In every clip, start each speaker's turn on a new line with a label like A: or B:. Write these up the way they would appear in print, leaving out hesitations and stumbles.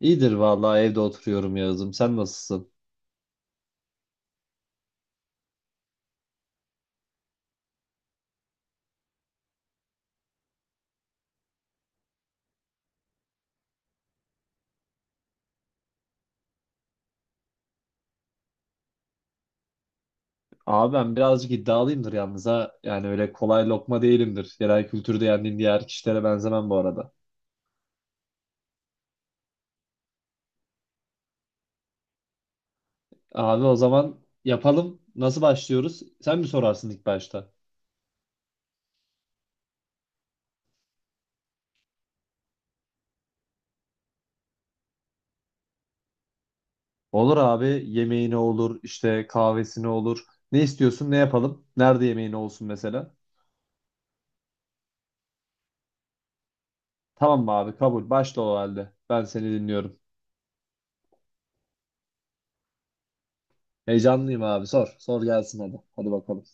A: İyidir vallahi evde oturuyorum Yağız'ım. Sen nasılsın? Abi ben birazcık iddialıyımdır yalnız ha. Yani öyle kolay lokma değilimdir. Genel kültürde yendiğim diğer kişilere benzemem bu arada. Abi o zaman yapalım. Nasıl başlıyoruz? Sen mi sorarsın ilk başta? Olur abi. Yemeğine olur, işte kahvesine olur. Ne istiyorsun, ne yapalım? Nerede yemeğine olsun mesela? Tamam mı abi? Kabul. Başla o halde. Ben seni dinliyorum. Heyecanlıyım abi. Sor. Sor gelsin hadi. Hadi bakalım.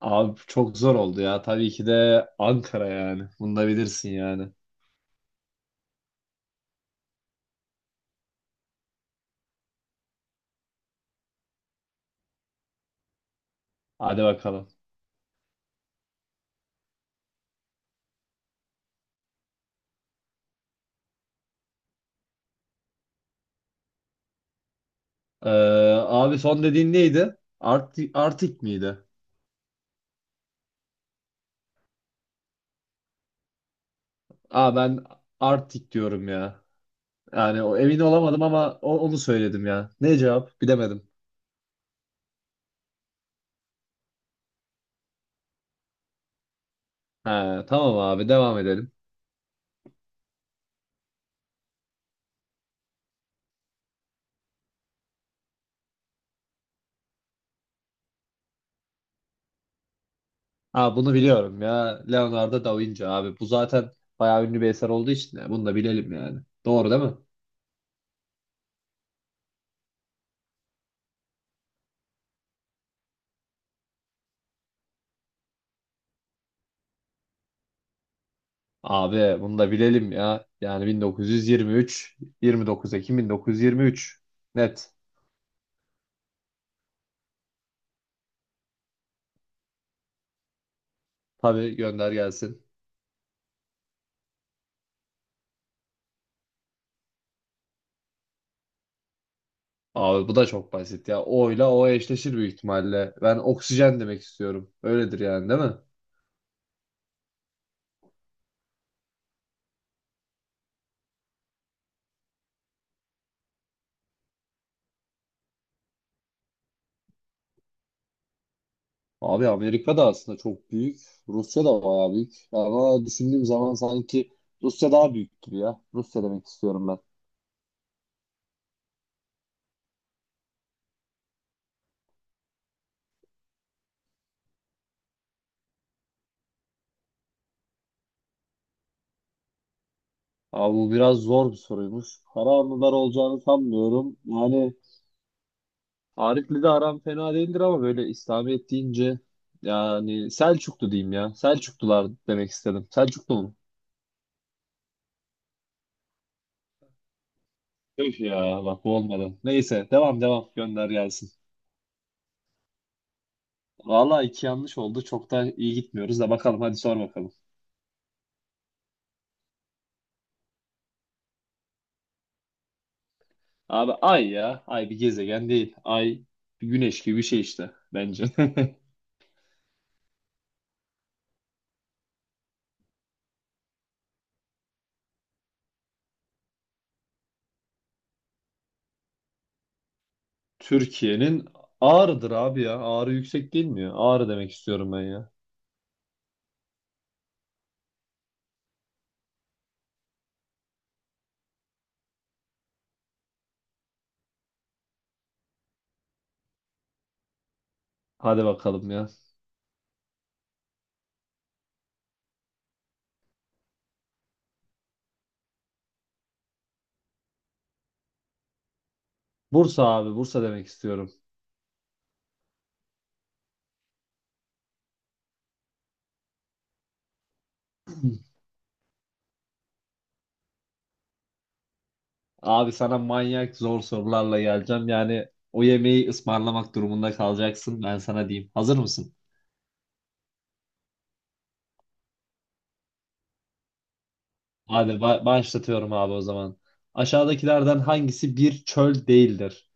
A: Abi çok zor oldu ya. Tabii ki de Ankara yani. Bunu da bilirsin yani. Hadi bakalım. Ee, Abi son dediğin neydi? Artik Artik miydi? Aa ben Artik diyorum ya. Yani o emin olamadım ama onu söyledim ya. Ne cevap? Bilemedim. He, tamam abi devam edelim. Ha bunu biliyorum ya. Leonardo da Vinci abi. Bu zaten bayağı ünlü bir eser olduğu için ya, bunu da bilelim yani. Doğru değil mi? Abi bunu da bilelim ya. Yani 1923, 29 Ekim 1923. Net. Tabii gönder gelsin. Abi bu da çok basit ya. O ile O eşleşir büyük ihtimalle. Ben oksijen demek istiyorum. Öyledir yani değil mi? Abi Amerika da aslında çok büyük. Rusya da bayağı büyük. Ama düşündüğüm zaman sanki Rusya daha büyük gibi ya. Rusya demek istiyorum ben. Abi bu biraz zor bir soruymuş. Kara anılar olacağını sanmıyorum. Yani Arif'le de aram fena değildir ama böyle İslamiyet deyince yani Selçuklu diyeyim ya. Selçuklular demek istedim. Selçuklu mu? Öf ya bak bu olmadı. Neyse devam devam gönder gelsin. Valla iki yanlış oldu. Çok da iyi gitmiyoruz da bakalım hadi sor bakalım. Abi ay ya. Ay bir gezegen değil. Ay bir güneş gibi bir şey işte bence. Türkiye'nin Ağrı'dır abi ya. Ağrı yüksek değil mi ya? Ağrı demek istiyorum ben ya. Hadi bakalım ya. Bursa abi Bursa demek istiyorum. Abi sana manyak zor sorularla geleceğim. Yani o yemeği ısmarlamak durumunda kalacaksın. Ben sana diyeyim. Hazır mısın? Hadi başlatıyorum abi o zaman. Aşağıdakilerden hangisi bir çöl değildir?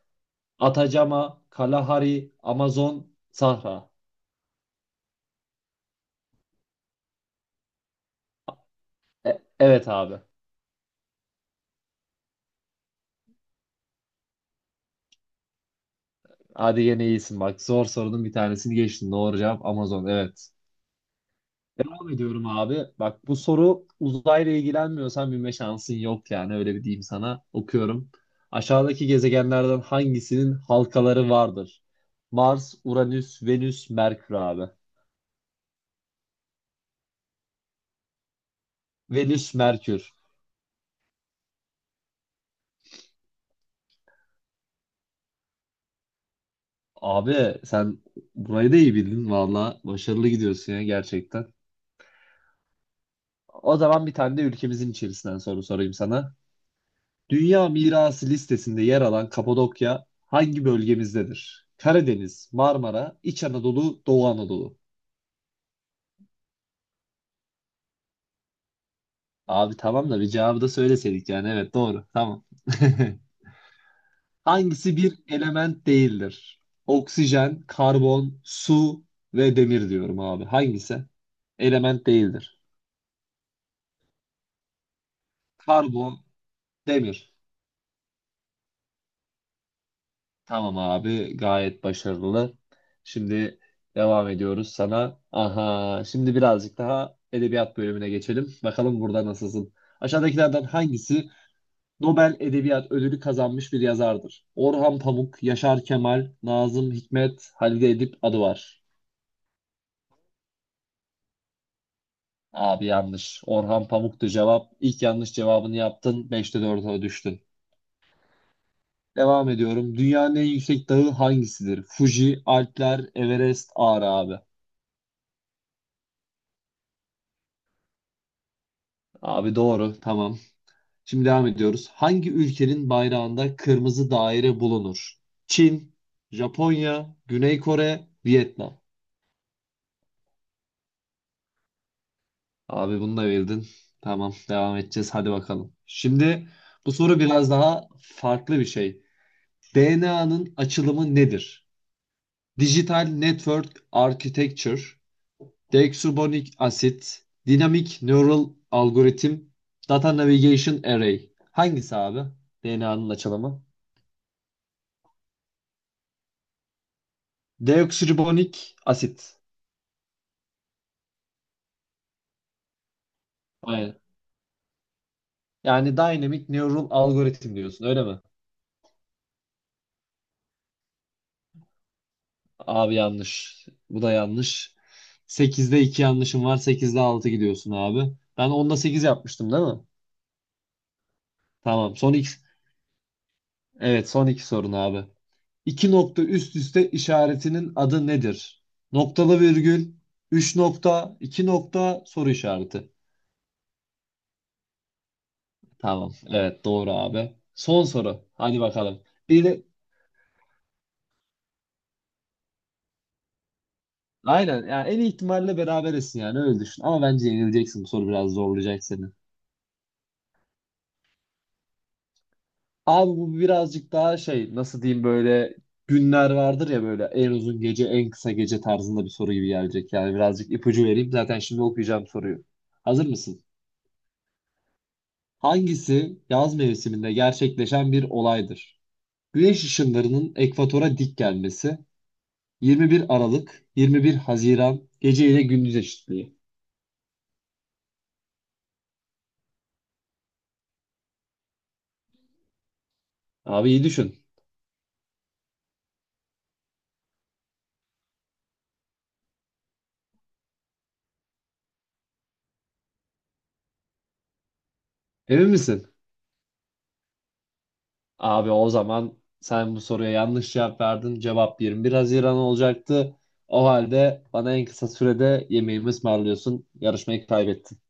A: Atacama, Kalahari, Amazon, Sahra. Evet abi. Hadi yine iyisin bak. Zor sorunun bir tanesini geçtin. Doğru cevap Amazon. Evet. Devam ediyorum abi. Bak bu soru uzayla ilgilenmiyorsan bilme şansın yok yani öyle bir diyeyim sana. Okuyorum. Aşağıdaki gezegenlerden hangisinin halkaları vardır? Mars, Uranüs, Venüs, Merkür abi. Venüs, Merkür. Abi sen burayı da iyi bildin valla. Başarılı gidiyorsun ya gerçekten. O zaman bir tane de ülkemizin içerisinden soru sorayım sana. Dünya Mirası listesinde yer alan Kapadokya hangi bölgemizdedir? Karadeniz, Marmara, İç Anadolu, Doğu Anadolu. Abi tamam da bir cevabı da söyleseydik yani. Evet doğru. Tamam. Hangisi bir element değildir? Oksijen, karbon, su ve demir diyorum abi. Hangisi? Element değildir. Karbon, demir. Tamam abi gayet başarılı. Şimdi devam ediyoruz sana. Aha şimdi birazcık daha edebiyat bölümüne geçelim. Bakalım burada nasılsın? Aşağıdakilerden hangisi Nobel Edebiyat Ödülü kazanmış bir yazardır. Orhan Pamuk, Yaşar Kemal, Nazım Hikmet, Halide Edip adı var. Abi yanlış. Orhan Pamuk'tu cevap. İlk yanlış cevabını yaptın. Beşte 4'e düştün. Devam ediyorum. Dünyanın en yüksek dağı hangisidir? Fuji, Alpler, Everest, Ağrı abi. Abi doğru. Tamam. Şimdi devam ediyoruz. Hangi ülkenin bayrağında kırmızı daire bulunur? Çin, Japonya, Güney Kore, Vietnam. Abi bunu da bildin. Tamam devam edeceğiz. Hadi bakalım. Şimdi bu soru biraz daha farklı bir şey. DNA'nın açılımı nedir? Digital Network Architecture, Deoxyribonucleic Acid, Dynamic Neural Algorithm, Data Navigation Array. Hangisi abi? DNA'nın açılımı. Deoxyribonucleic Acid. Aynen. Yani Dynamic Neural Algorithm diyorsun öyle mi? Abi yanlış. Bu da yanlış. Sekizde 2 yanlışım var. Sekizde 6 gidiyorsun abi. Ben onda 8 yapmıştım değil mi? Tamam. Son iki, evet son iki sorun abi. İki nokta üst üste işaretinin adı nedir? Noktalı virgül, üç nokta, 2 nokta, soru işareti. Tamam. Evet doğru abi. Son soru. Hadi bakalım. Bir aynen yani en iyi ihtimalle berabersin yani öyle düşün. Ama bence yenileceksin. Bu soru biraz zorlayacak seni. Abi bu birazcık daha şey nasıl diyeyim böyle günler vardır ya böyle en uzun gece en kısa gece tarzında bir soru gibi gelecek. Yani birazcık ipucu vereyim zaten şimdi okuyacağım soruyu. Hazır mısın? Hangisi yaz mevsiminde gerçekleşen bir olaydır? Güneş ışınlarının ekvatora dik gelmesi, 21 Aralık, 21 Haziran, gece ile gündüz eşitliği. Abi iyi düşün. Emin misin? Abi o zaman sen bu soruya yanlış cevap verdin. Cevap 21 Haziran olacaktı. O halde bana en kısa sürede yemeğimi ısmarlıyorsun. Yarışmayı kaybettin.